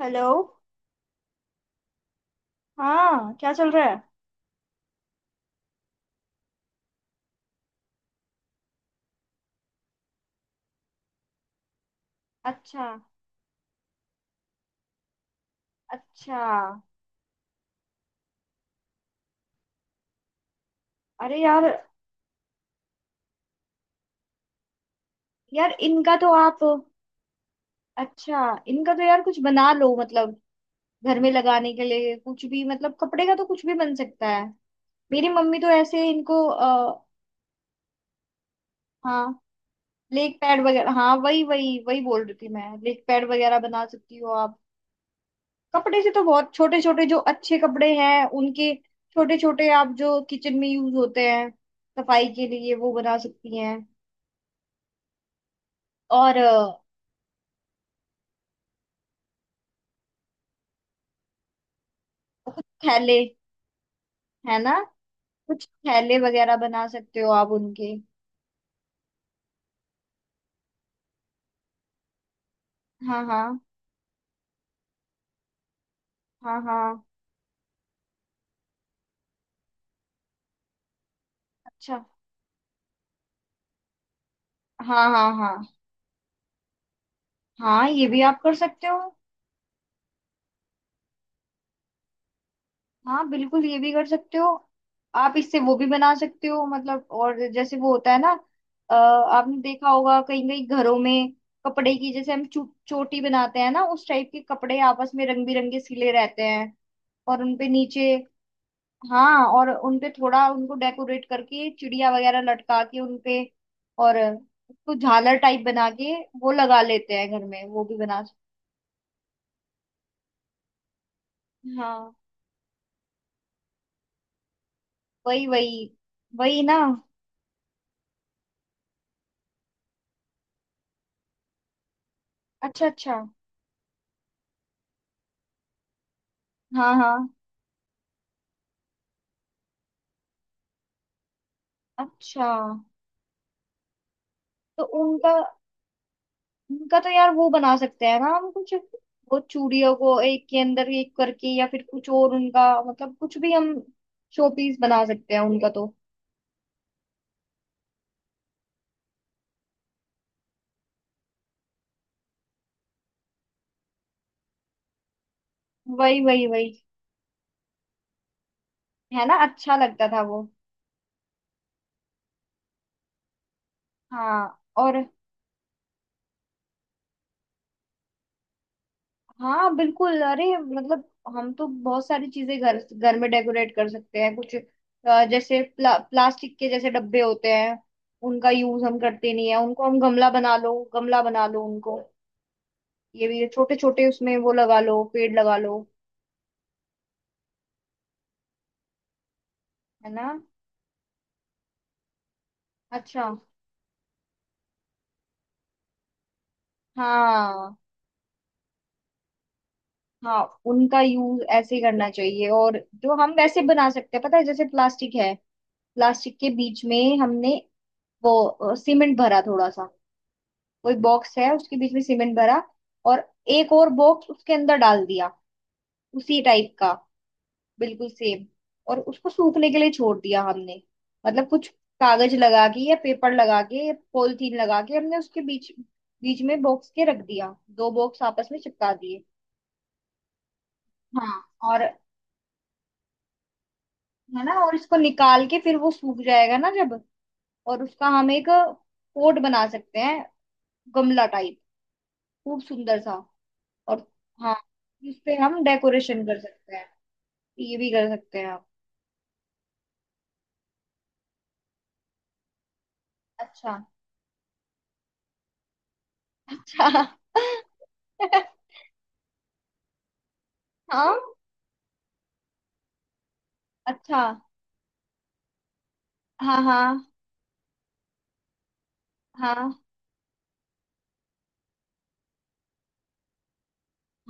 Hello. हाँ क्या चल रहा है। अच्छा। अच्छा। अरे यार। यार इनका तो आप। अच्छा। इनका तो यार कुछ बना लो मतलब। घर में लगाने के लिए कुछ भी मतलब कपड़े का तो कुछ भी बन सकता है। मेरी मम्मी तो ऐसे इनको हाँ लेग पैड वगैरह हाँ वही वही वही बोल रही थी मैं। लेग पैड वगैरह बना सकती हो आप कपड़े से तो। बहुत छोटे छोटे जो अच्छे कपड़े हैं उनके छोटे छोटे आप जो किचन में यूज होते हैं सफाई के लिए वो बना सकती हैं। और कुछ थैले है ना। कुछ थैले वगैरह बना सकते हो आप उनके। हाँ हाँ हाँ हाँ। अच्छा। हाँ हाँ हाँ हाँ। ये भी आप कर सकते हो। हाँ बिल्कुल ये भी कर सकते हो। आप इससे वो भी बना सकते हो मतलब। और जैसे वो होता है ना आपने देखा होगा कहीं कहीं घरों में कपड़े की जैसे हम चोटी बनाते हैं ना उस टाइप के। कपड़े आपस में रंग बिरंगे सिले रहते हैं और उनपे नीचे हाँ। और उनपे थोड़ा उनको डेकोरेट करके चिड़िया वगैरह लटका के उनपे। और उसको झालर टाइप बना के वो लगा लेते हैं घर में। वो भी बना सकते हैं। हाँ वही वही वही ना। अच्छा। अच्छा। हाँ हाँ। अच्छा। तो उनका उनका तो यार वो बना सकते हैं ना हम कुछ। वो चूड़ियों को एक के अंदर एक करके या फिर कुछ और उनका मतलब कुछ भी हम शोपीस बना सकते हैं उनका तो। वही वही वही। है ना अच्छा लगता था वो। हाँ। और हाँ बिल्कुल। अरे मतलब हम तो बहुत सारी चीजें घर घर में डेकोरेट कर सकते हैं। कुछ जैसे प्लास्टिक के जैसे डब्बे होते हैं उनका यूज हम करते नहीं है। उनको हम गमला बना लो। गमला बना लो उनको। ये भी छोटे छोटे उसमें वो लगा लो पेड़ लगा लो। है ना। अच्छा। हाँ हाँ। उनका यूज ऐसे ही करना चाहिए। और जो हम वैसे बना सकते हैं पता है जैसे प्लास्टिक है। प्लास्टिक के बीच में हमने वो सीमेंट भरा थोड़ा सा। वो एक बॉक्स है उसके बीच में सीमेंट भरा। और एक और बॉक्स उसके अंदर डाल दिया उसी टाइप का बिल्कुल सेम। और उसको सूखने के लिए छोड़ दिया हमने। मतलब कुछ कागज लगा के या पेपर लगा के या पॉलिथीन लगा के हमने उसके बीच बीच में बॉक्स के रख दिया। दो बॉक्स आपस में चिपका दिए। हाँ और है ना। और इसको निकाल के फिर वो सूख जाएगा ना जब। और उसका हम एक पोट बना सकते हैं गमला टाइप खूब सुंदर सा। और हाँ उस पे हम डेकोरेशन कर सकते हैं। ये भी कर सकते हैं आप। अच्छा अच्छा। हाँ। अच्छा। हाँ हाँ हाँ।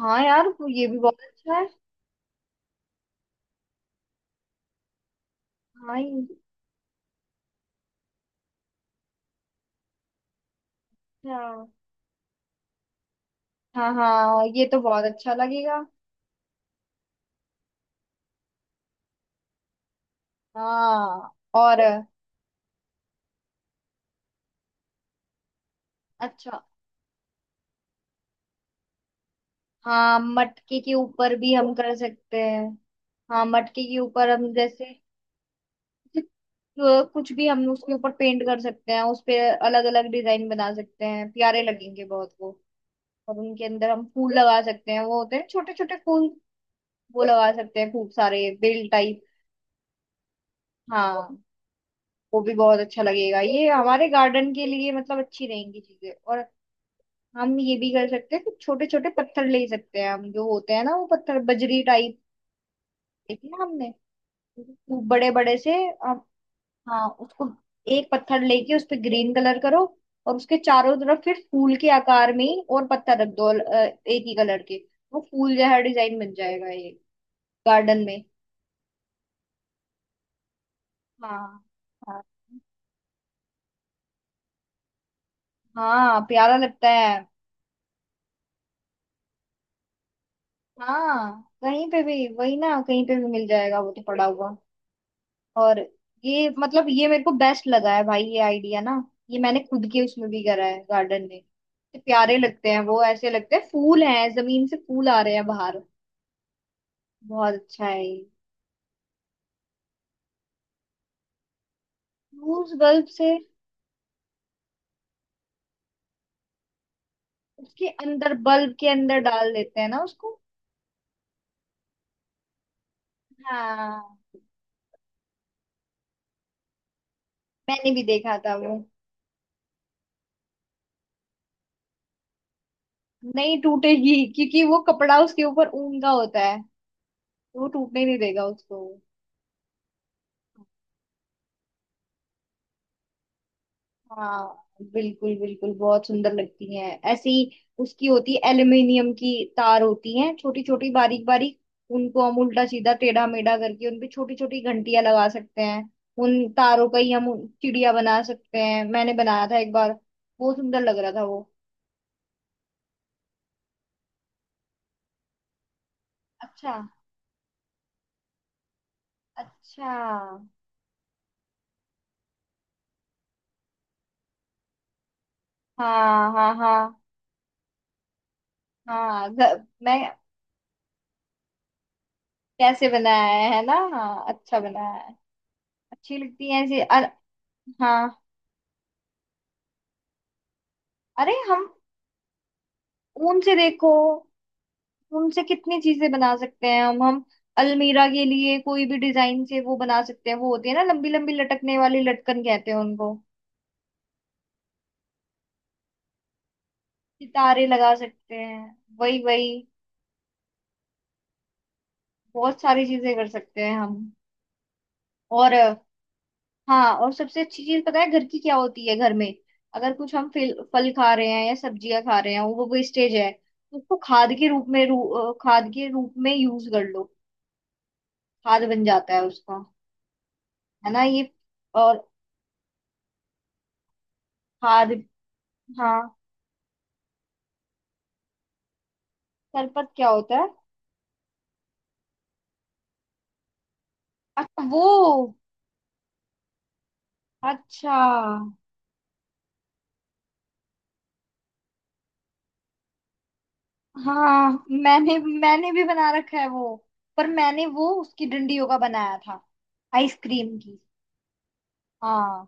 हाँ यार वो ये भी बहुत अच्छा है। हाँ अच्छा। हाँ हाँ ये तो बहुत अच्छा लगेगा। हाँ और अच्छा। हाँ मटके के ऊपर भी हम कर सकते हैं। हाँ मटके के ऊपर हम जैसे जो कुछ भी हम उसके ऊपर पेंट कर सकते हैं। उस पे अलग अलग डिजाइन बना सकते हैं प्यारे लगेंगे बहुत वो। और उनके अंदर हम फूल लगा सकते हैं। वो होते हैं छोटे छोटे फूल। वो लगा सकते हैं खूब सारे बेल टाइप। हाँ। वो भी बहुत अच्छा लगेगा ये हमारे गार्डन के लिए मतलब अच्छी रहेंगी चीजें। और हम ये भी कर सकते हैं कुछ छोटे छोटे पत्थर ले सकते हैं हम। जो होते हैं ना वो पत्थर बजरी टाइप देखे हैं हमने। खूब बड़े बड़े से। अब हाँ उसको एक पत्थर लेके उस पे ग्रीन कलर करो। और उसके चारों तरफ फिर फूल के आकार में ही और पत्थर रख दो एक ही कलर के। वो फूल जैसा डिजाइन बन जाएगा ये गार्डन में। हाँ हाँ हाँ। प्यारा लगता है। हाँ कहीं पे भी वही ना। कहीं पे भी मिल जाएगा वो तो पड़ा हुआ। और ये मतलब ये मेरे को बेस्ट लगा है भाई ये आइडिया ना। ये मैंने खुद के उसमें भी करा है गार्डन में। इतने प्यारे लगते हैं वो। ऐसे लगते हैं फूल हैं जमीन से फूल आ रहे हैं बाहर। बहुत अच्छा है ये। फ्यूज बल्ब से उसके अंदर बल्ब के अंदर डाल देते हैं ना उसको। हाँ मैंने भी देखा था वो। नहीं टूटेगी क्योंकि वो कपड़ा उसके ऊपर ऊन का होता है। तो वो टूटने नहीं देगा उसको। हाँ बिल्कुल बिल्कुल। बहुत सुंदर लगती हैं ऐसी। उसकी होती है एल्युमिनियम की तार होती हैं छोटी छोटी बारीक बारीक। उनको हम उल्टा सीधा टेढ़ा मेढ़ा करके उनपे छोटी छोटी घंटियां लगा सकते हैं। उन तारों का ही हम चिड़िया बना सकते हैं। मैंने बनाया था एक बार। बहुत सुंदर लग रहा था वो। अच्छा। अच्छा। हाँ हाँ हाँ हाँ। मैं कैसे बनाया है। है ना हाँ अच्छा बनाया है। अच्छी लगती है ऐसे हाँ। अरे हम ऊन से देखो उनसे कितनी चीजें बना सकते हैं हम। अलमीरा के लिए कोई भी डिजाइन से वो बना सकते हैं। वो होती है ना लंबी लंबी लटकने वाली लटकन कहते हैं उनको। सितारे लगा सकते हैं वही वही। बहुत सारी चीजें कर सकते हैं हम। और हाँ और सबसे अच्छी चीज पता है घर की क्या होती है घर में। अगर कुछ हम फल फल खा रहे हैं या सब्जियां खा रहे हैं वो वेस्टेज है तो उसको खाद के रूप में खाद के रूप में यूज कर लो। खाद बन जाता है उसका। है ना ये। और खाद हाँ खरपत क्या होता है। अच्छा वो। अच्छा। हाँ मैंने मैंने भी बना रखा है वो। पर मैंने वो उसकी डंडियों का बनाया था आइसक्रीम की। हाँ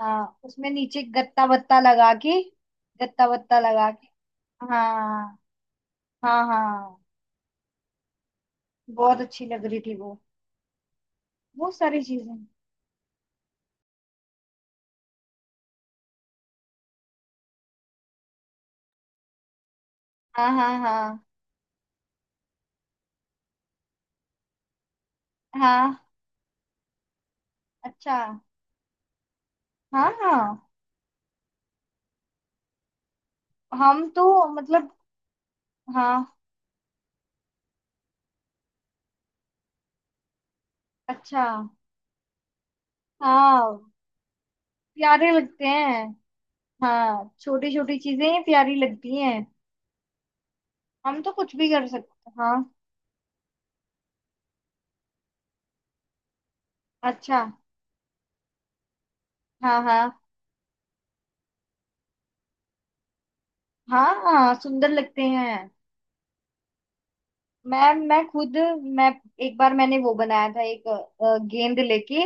हाँ उसमें नीचे गत्ता वत्ता लगा के गत्ता वत्ता लगा के। हाँ हाँ हाँ। बहुत अच्छी लग रही थी वो। वो सारी चीजें हाँ हाँ हाँ हाँ। अच्छा। हाँ हाँ। हम तो मतलब हाँ। अच्छा हाँ प्यारे लगते हैं। हाँ छोटी छोटी चीजें ही प्यारी लगती हैं। हम तो कुछ भी कर सकते हैं हाँ। अच्छा। हाँ हाँ हाँ हाँ सुंदर लगते हैं। मैं खुद मैं एक बार मैंने वो बनाया था एक गेंद लेके।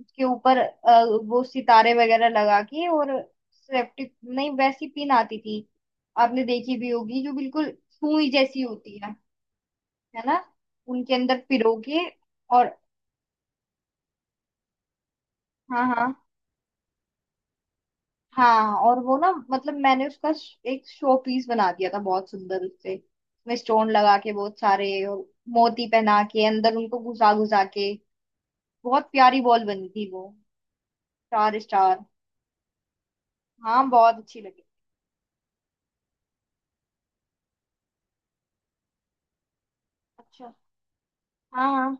उसके ऊपर वो सितारे वगैरह लगा के और सेफ्टी नहीं वैसी पिन आती थी। आपने देखी भी होगी जो बिल्कुल सुई जैसी होती है। है ना। उनके अंदर पिरो के और हाँ हाँ हाँ। और वो ना मतलब मैंने उसका एक शो पीस बना दिया था बहुत सुंदर उससे उसमें स्टोन लगा के बहुत सारे। और मोती पहना के अंदर उनको घुसा घुसा के बहुत प्यारी बॉल बनी थी वो। चार स्टार। हाँ बहुत अच्छी लगी। अच्छा। हाँ हाँ।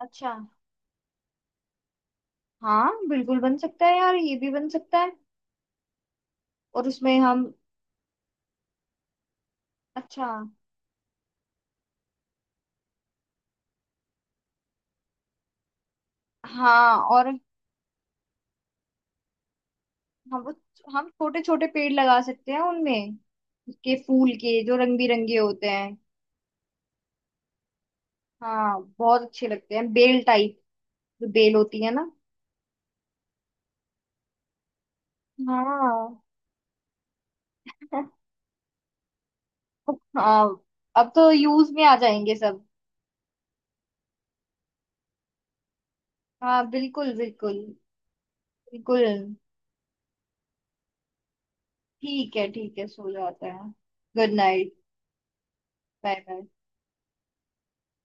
अच्छा। हाँ बिल्कुल बन सकता है यार ये भी बन सकता है। और उसमें हम अच्छा हाँ। और हम हम छोटे छोटे पेड़ लगा सकते हैं उनमें उसके फूल के जो रंग बिरंगे होते हैं। हाँ बहुत अच्छे लगते हैं बेल टाइप जो बेल होती है ना। हाँ। हाँ। अब तो यूज में आ जाएंगे सब। हाँ बिल्कुल बिल्कुल बिल्कुल। ठीक है सो जाते हैं। Good night. Bye bye.